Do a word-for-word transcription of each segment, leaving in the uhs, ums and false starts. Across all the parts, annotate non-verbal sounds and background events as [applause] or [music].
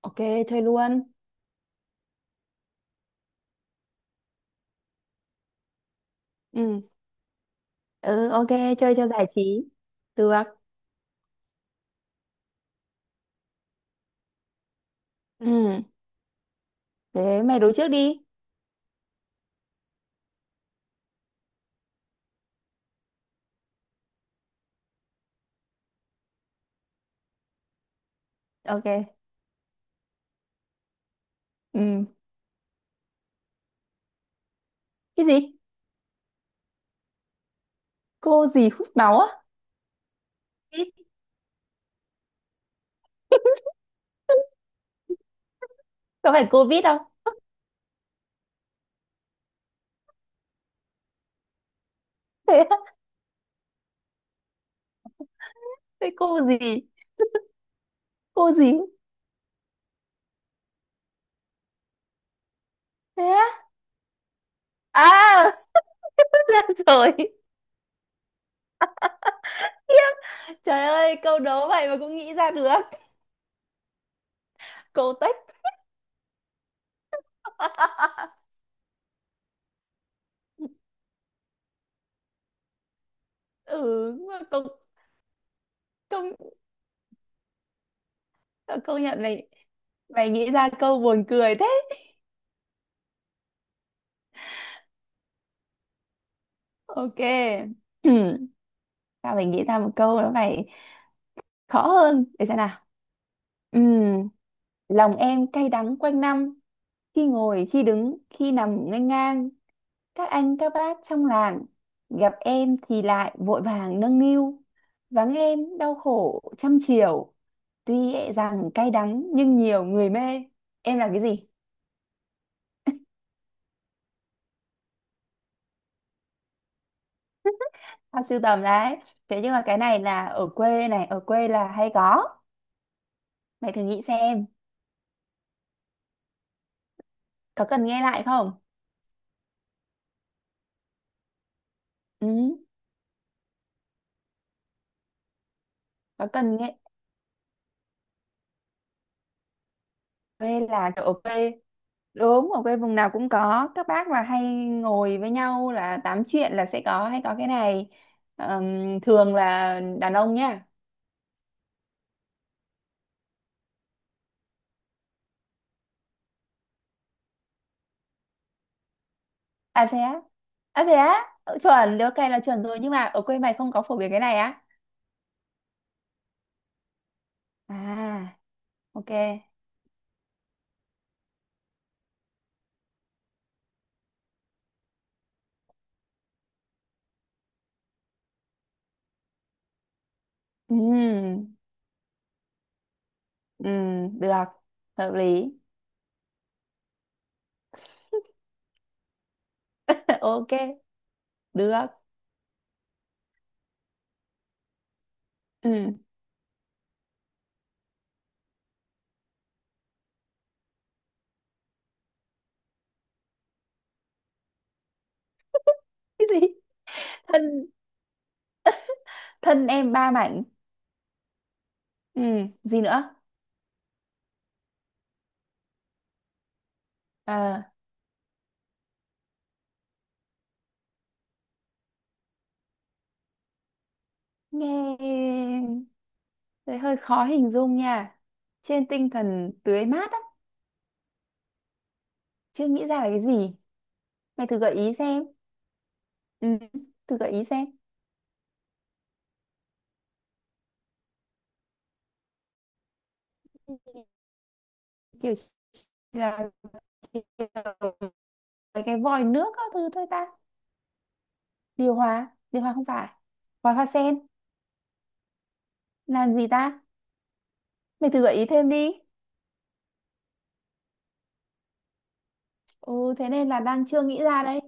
Ok, chơi luôn. Ừ, ừ, ok, chơi cho giải trí. Được. Ừ, thế mày đố trước đi. Ok. Ừ. Cái gì? Cô gì hút máu á? Vít. Có phải covid Vít không? Thế á, thế cô gì? Cô gì? Thế á? À, [laughs] ra rồi. Khiếp. Trời ơi, câu đố vậy mà cũng nghĩ ra được. Cô Tách. [laughs] Ừ, mà công công công nhận mày mày nghĩ ra câu buồn cười thế. Ok. [clears throat] Sao mày nghĩ ra một câu nó phải khó hơn để xem nào. Ừm, Lòng em cay đắng quanh năm, khi ngồi khi đứng khi nằm nghênh ngang, các anh các bác trong làng, gặp em thì lại vội vàng nâng niu, vắng em đau khổ trăm chiều, tuy e rằng cay đắng nhưng nhiều người mê. Em là cái gì? Tao sưu tầm đấy. Thế nhưng mà cái này là ở quê này, ở quê là hay có. Mày thử nghĩ xem. Có cần nghe lại không? Ừ, có cần nghe. Quê là kiểu ở quê. Đúng, ở quê vùng nào cũng có. Các bác là hay ngồi với nhau là tám chuyện là sẽ có hay có cái này. Ờm, thường là đàn ông nhá. À thế á? À thế á? Ừ, chuẩn, ok là chuẩn rồi. Nhưng mà ở quê mày không có phổ biến cái này á? À, ok. Ừ, ừ, được. Hợp lý. [laughs] Ok, được. Ừ. [laughs] Cái gì? Thân, thân em ba mảnh. Ừ, gì nữa? Ờ, nghe. Đấy hơi khó hình dung nha. Trên tinh thần tưới mát á, chưa nghĩ ra là cái gì. Mày thử gợi ý xem. Ừ, thử gợi ý xem. Kiểu là kiểu mấy cái vòi nước các thứ thôi ta. Điều hòa, điều hòa không phải. Vòi hoa sen, làm gì ta? Mày thử gợi ý thêm đi. Ừ, thế nên là đang chưa nghĩ ra đây.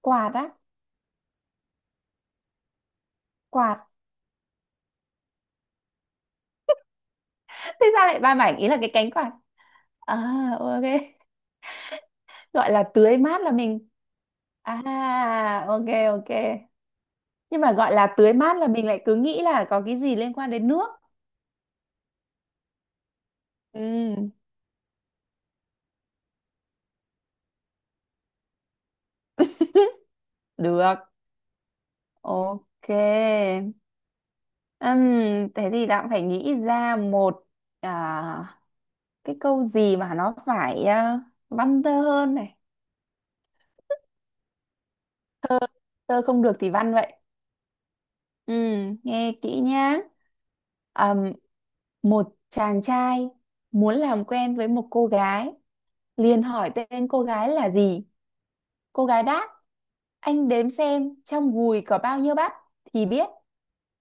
Quạt á, quạt. [laughs] Thế sao lại ba mảnh ý là cái cánh quạt? À, ok. Gọi là tưới mát là mình. À, ok, ok. Nhưng mà gọi là tưới mát là mình lại cứ nghĩ là có cái gì liên quan đến nước. Ừ. Được, ok. Ừm, Thế thì đã phải nghĩ ra một à, cái câu gì mà nó phải à, văn tơ hơn này. Tơ không được thì văn vậy. Ừm, nghe kỹ nhá. Ừm, Một chàng trai muốn làm quen với một cô gái, liền hỏi tên cô gái là gì. Cô gái đáp, anh đếm xem trong gùi có bao nhiêu bắp thì biết.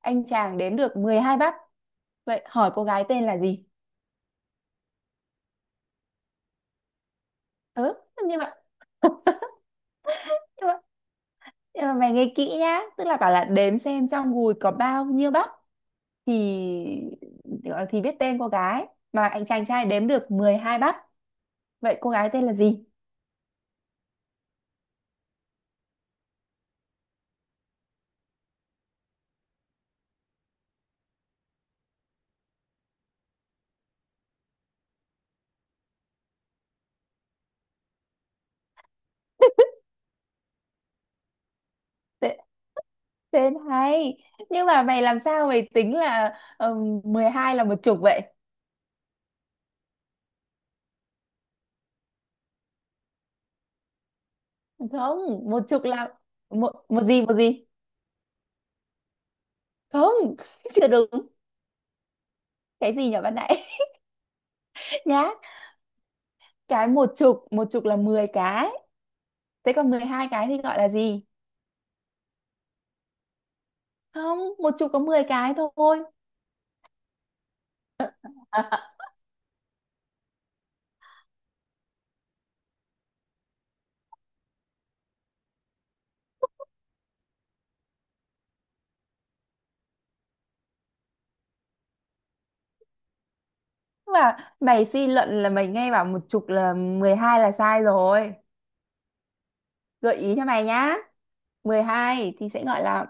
Anh chàng đếm được mười hai bắp. Vậy hỏi cô gái tên là gì? Ừ, nhưng mà, nhưng mà, nhưng mà mày nghe kỹ nhá. Tức là bảo là đếm xem trong gùi có bao nhiêu bắp thì ờ, thì biết tên cô gái. Mà anh chàng trai đếm được mười hai bắp. Vậy cô gái tên là gì? Tê- Tên hay. Nhưng mà mày làm sao mày tính là um, mười hai là một chục vậy? Không, một chục là một một gì một gì. Không. [laughs] Chưa đúng. Cái gì nhỉ bạn nãy? [laughs] Nhá. Cái một chục một chục là mười cái. Thế còn mười hai cái thì gọi là gì? Không, một chục có mười cái thôi. [laughs] Mà mày suy luận là mày nghe bảo một chục là mười hai là sai rồi. Gợi ý cho mày nhá. Mười hai thì sẽ gọi là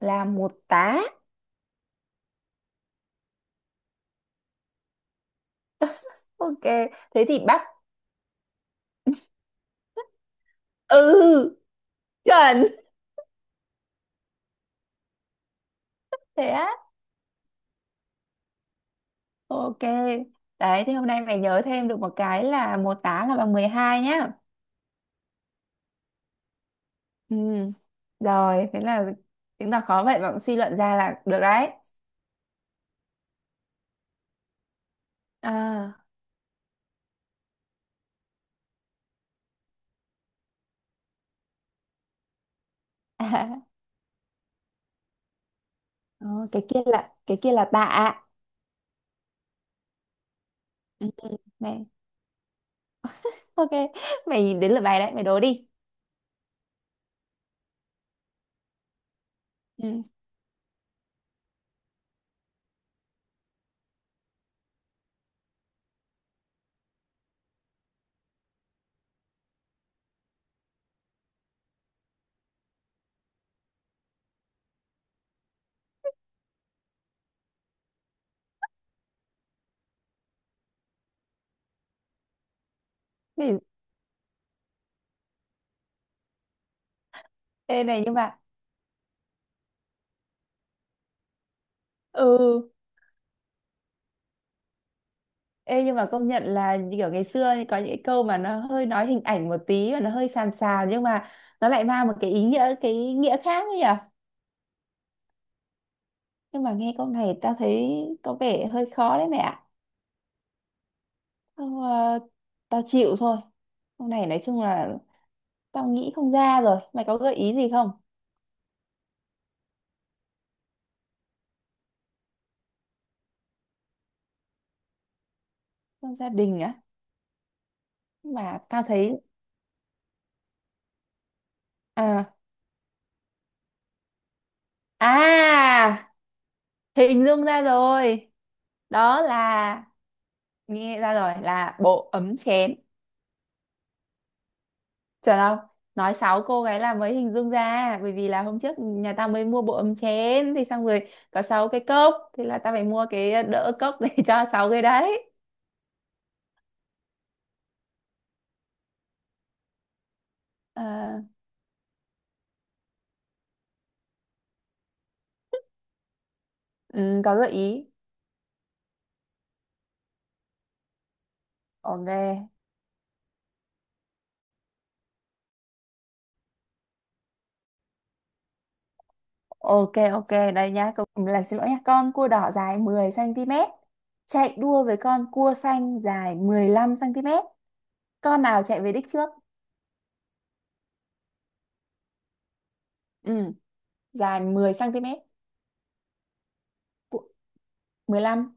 là một tá. Ok, thế thì bác. Ừ, chuẩn. [laughs] Thế á. Ok. Đấy, thì hôm nay mày nhớ thêm được một cái là một tá là bằng mười hai nhá. Ừ. Rồi, thế là chứng tỏ khó vậy mà cũng suy luận ra là được đấy. À, [laughs] ờ, cái kia là cái kia là tạ. Ừ, ừ, này. Ok, mày nhìn đến lượt bài đấy, mày đố đi. Ừ. Này, ê này nhưng mà, ừ, ê nhưng mà công nhận là như kiểu ngày xưa ấy, có những cái câu mà nó hơi nói hình ảnh một tí và nó hơi sàm sàm, nhưng mà nó lại mang một cái ý nghĩa, cái nghĩa khác ấy nhỉ. Nhưng mà nghe câu này tao thấy có vẻ hơi khó đấy mẹ ạ. Tao, ờ, tao chịu thôi. Câu này nói chung là tao nghĩ không ra rồi. Mày có gợi ý gì không? Trong gia đình á? Mà tao thấy, à à hình dung ra rồi. Đó là, nghe ra rồi, là bộ ấm chén. Chờ đâu, nói xấu cô gái là mới hình dung ra, bởi vì là hôm trước nhà tao mới mua bộ ấm chén thì xong rồi có sáu cái cốc thì là tao phải mua cái đỡ cốc để [laughs] cho sáu cái đấy. Ờ, ừ, có gợi ý. Ok, ok, ok. Đây nhá, câu là xin lỗi nhá. Con cua đỏ dài mười xăng ti mét chạy đua với con cua xanh dài mười lăm xăng ti mét. Con nào chạy về đích trước? Ừ, dài mười xăng ti mét. Cu- mười lăm.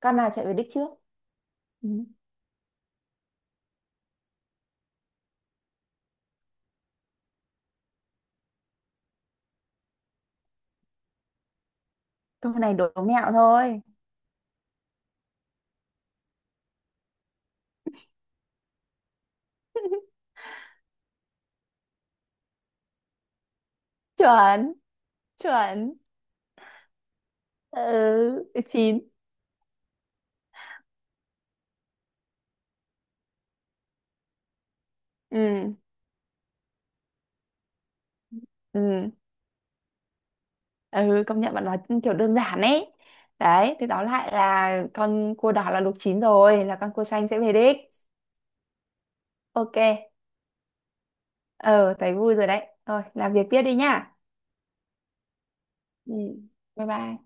Con nào chạy về đích trước? Ừ. Câu này đố mẹo thôi. [laughs] Chuẩn, chuẩn. Ừ, chín. Ừ, ừ. Ừ, công nhận bạn nói kiểu đơn giản ấy. Đấy thì đó lại là con cua đỏ là luộc chín rồi, là con cua xanh sẽ về đích. Ok. Ờ, thấy vui rồi đấy, thôi làm việc tiếp đi nhá. Ừ, bye bye.